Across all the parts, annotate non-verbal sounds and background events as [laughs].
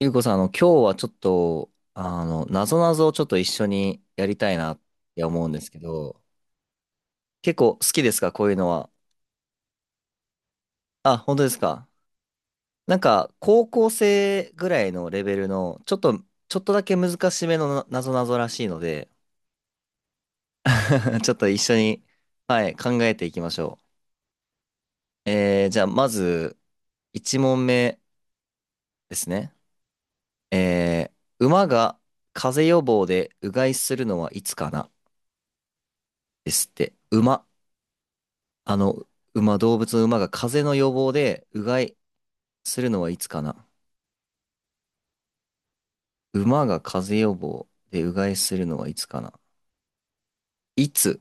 ゆうこさん、今日はちょっと、なぞなぞをちょっと一緒にやりたいなって思うんですけど、結構好きですかこういうのは。あ、本当ですか？なんか、高校生ぐらいのレベルの、ちょっと、ちょっとだけ難しめのぞなぞらしいので、[laughs] ちょっと一緒に、はい、考えていきましょう。えー、じゃあ、まず、1問目ですね。えー、馬が風邪予防でうがいするのはいつかな、ですって。馬。あの、馬、動物の馬が風邪の予防で、うがいするのはいつかな？馬が風邪予防でうがいするのはいつかな？いつ？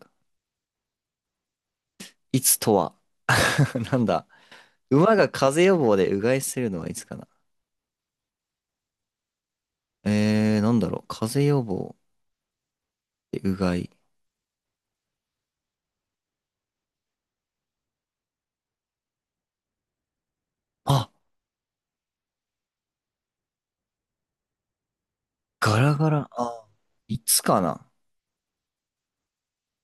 いつとは？ [laughs] なんだ、馬が風邪予防でうがいするのはいつかな？えー、なんだろう、風邪予防でうがい。あ、ガラガラ。あ、いつかな？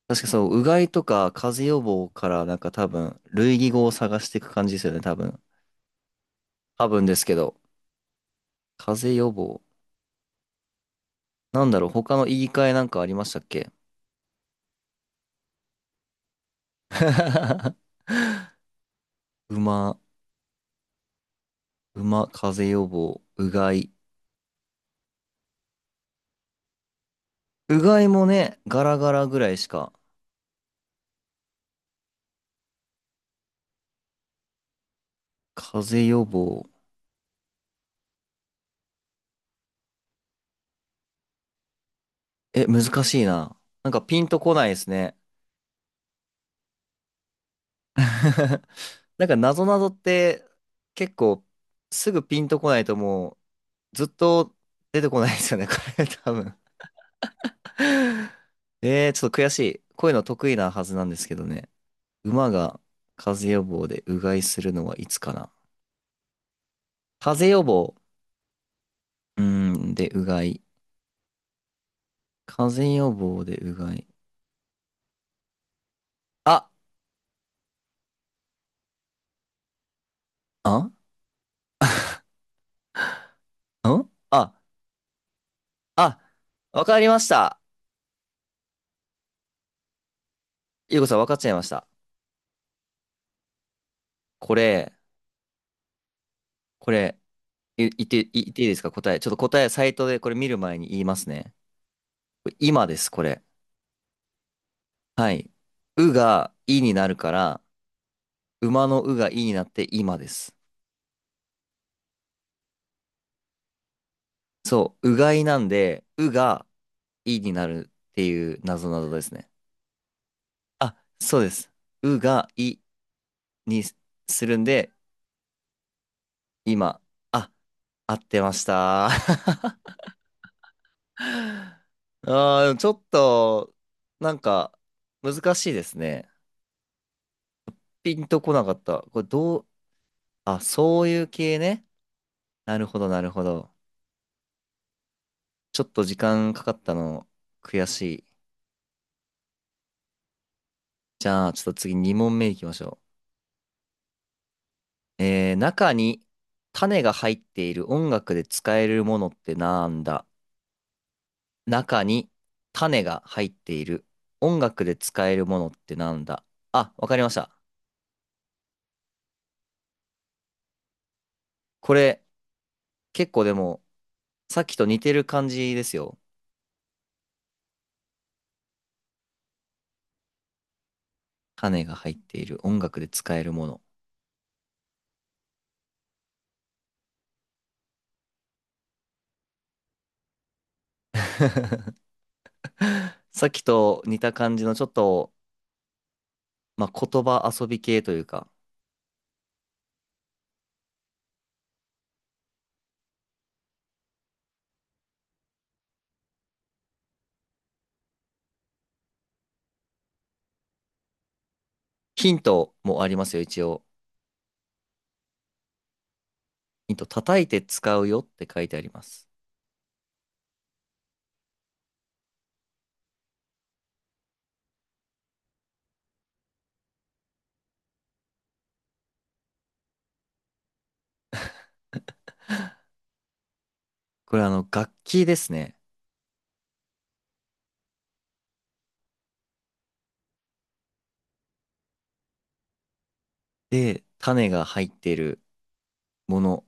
確かそう、うがいとか風邪予防からなんか多分、類義語を探していく感じですよね、多分。多分ですけど、風邪予防。なんだろう、他の言い換えなんかありましたっけ？ [laughs] 馬、馬、風邪予防、うがい。うがいもね、ガラガラぐらいしか。風邪予防。え、難しいな。なんかピンとこないですね。[laughs] なんかなぞなぞって結構すぐピンとこないとずっと出てこないですよね、これ多分。えー、ちょっと悔しい。こういうの得意なはずなんですけどね。馬が風邪予防でうがいするのはいつかな。風邪予防。うーん、で、うがい。風邪予防でうがい。あ、あ、んあ、あ、わかりました。ゆうこさん、わかっちゃいました。これ、これ、言って、言っていいですか、答え。ちょっと答え、サイトでこれ見る前に言いますね。これ今です、これ。はい。うがいになるから、馬のうがいになって今です。そう、うがいなんで、うがいになるっていう謎々ですね。あ、そうです。うがいにするんで、今、あ、合ってました。[laughs] あー、でもちょっと、なんか、難しいですね。ピンとこなかった。これどう、あ、そういう系ね。なるほど、なるほど。ちょっと時間かかったの、悔しい。じゃあ、ちょっと次2問目いきましょう。えー、中に種が入っている音楽で使えるものってなんだ？中に種が入っている音楽で使えるものってなんだ？あ、わかりました。これ、結構でも、さっきと似てる感じですよ。種が入っている音楽で使えるもの。[laughs] さっきと似た感じのちょっと、まあ、言葉遊び系というか、ヒントもありますよ、一応。ヒント、叩いて使うよって書いてあります。これあの、楽器ですね。で、種が入っているもの。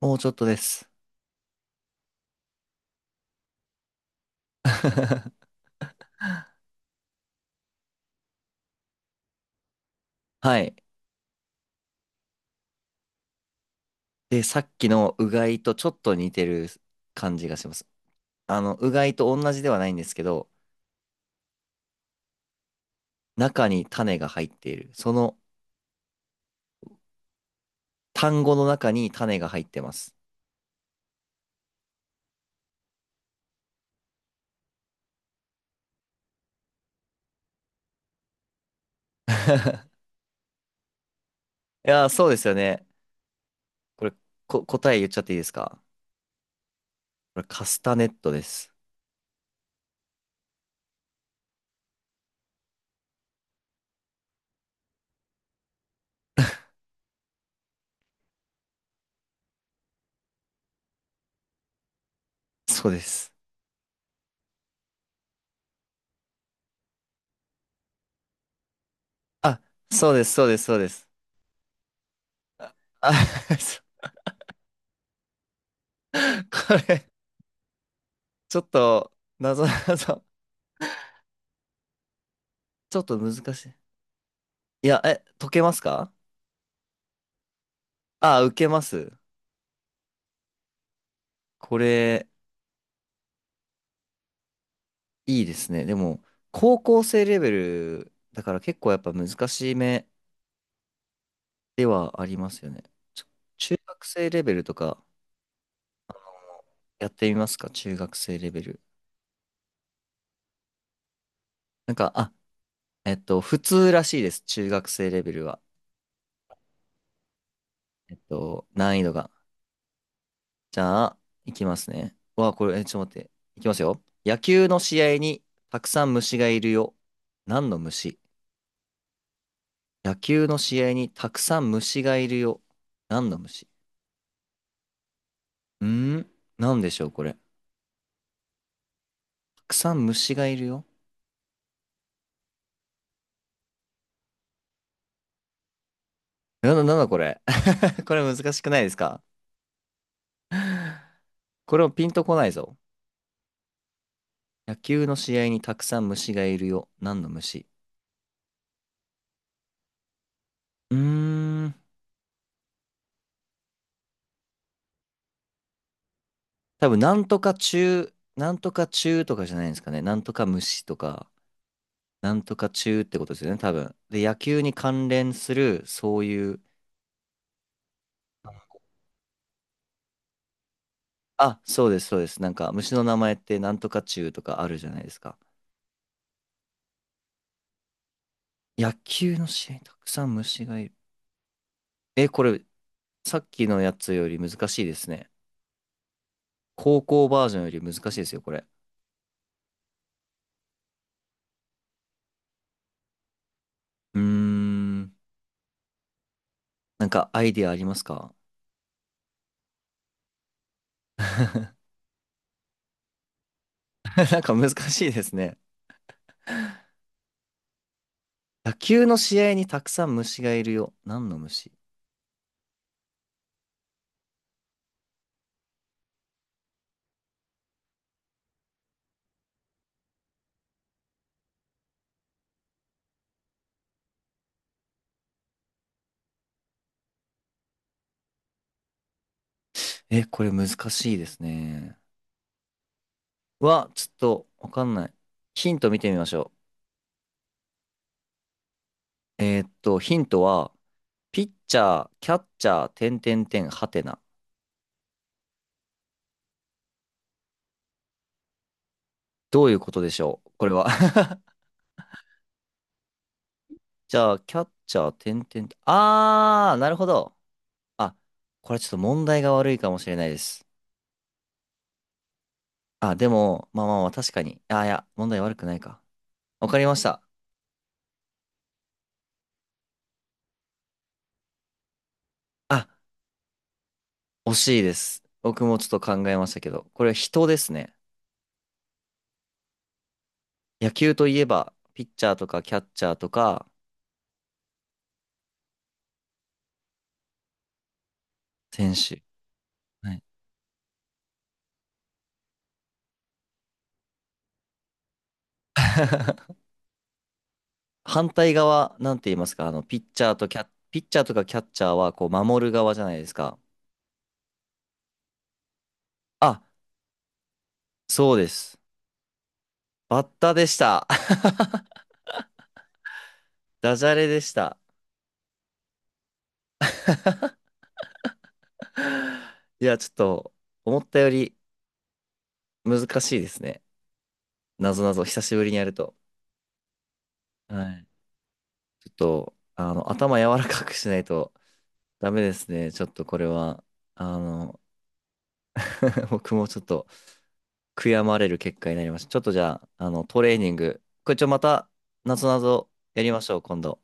もうちょっとです。[laughs] はい。で、さっきのうがいとちょっと似てる感じがします。あの、うがいと同じではないんですけど、中に種が入っている。その単語の中に種が入ってます。いやー、そうですよね。これ、答え言っちゃっていいですか？これ、カスタネットです。そうです。あ、そうです、そうです、そうです。あ、[laughs] そう、これ、ちょっと、なぞなぞ、ちょっと難しい。いや、え、解けますか？あ、受けます。これ、いいですね。でも、高校生レベルだから結構やっぱ難しめではありますよね。ちょ中学生レベルとか、やってみますか、中学生レベル。なんか、あ、えっと、普通らしいです。中学生レベルは。えっと、難易度が。じゃあ、いきますね。わ、これ、え、ちょっと待って。いきますよ。野球の試合にたくさん虫がいるよ。何の虫？野球の試合にたくさん虫がいるよ。何の虫？うーん、何でしょう、これ。たくさん虫がいるよ。なんだ、なんだこれ。[laughs] これ難しくないですか？これもピンとこないぞ。野球の試合にたくさん虫がいるよ。何の虫？うーん。多分、なんとか中、なんとか中とかじゃないんですかね。なんとか虫とか、なんとか中ってことですよね、多分。で、野球に関連する、そういう、あ、そうです、そうです。なんか、虫の名前ってなんとか中とかあるじゃないですか。野球の試合にたくさん虫がいる。え、これ、さっきのやつより難しいですね。高校バージョンより難しいですよ、これ。うーん。なんか、アイディアありますか？ [laughs] なんか難しいですね。野球の試合にたくさん虫がいるよ。何の虫？え、これ難しいですね。は、ちょっとわかんない。ヒント見てみましょう。えーっと、ヒントは、ピッチャー、キャッチャー、点点点、はてな。どういうことでしょう、これは？ [laughs] じゃあ、キャッチャー、点点点。あー、なるほど。あ、これちょっと問題が悪いかもしれないです。あ、でも、まあまあまあ、確かに。あ、いや、問題悪くないか。わかりました。あ、惜しいです。僕もちょっと考えましたけど、これは人ですね。野球といえば、ピッチャーとかキャッチャーとか、選手。はい。 [laughs] 反対側、なんて言いますか、あの、ピッチャーとかキャッチャーは、こう、守る側じゃないですか。あ、そうです。バッタでした。[laughs] ダジャレでした。いや、ちょっと、思ったより難しいですね。なぞなぞ、久しぶりにやると。はい。ちょっと、あの、頭柔らかくしないとダメですね。ちょっとこれは。あの、[laughs] 僕もちょっと悔やまれる結果になりました。ちょっとじゃあ、あの、トレーニング。これちょ、また、なぞなぞやりましょう、今度。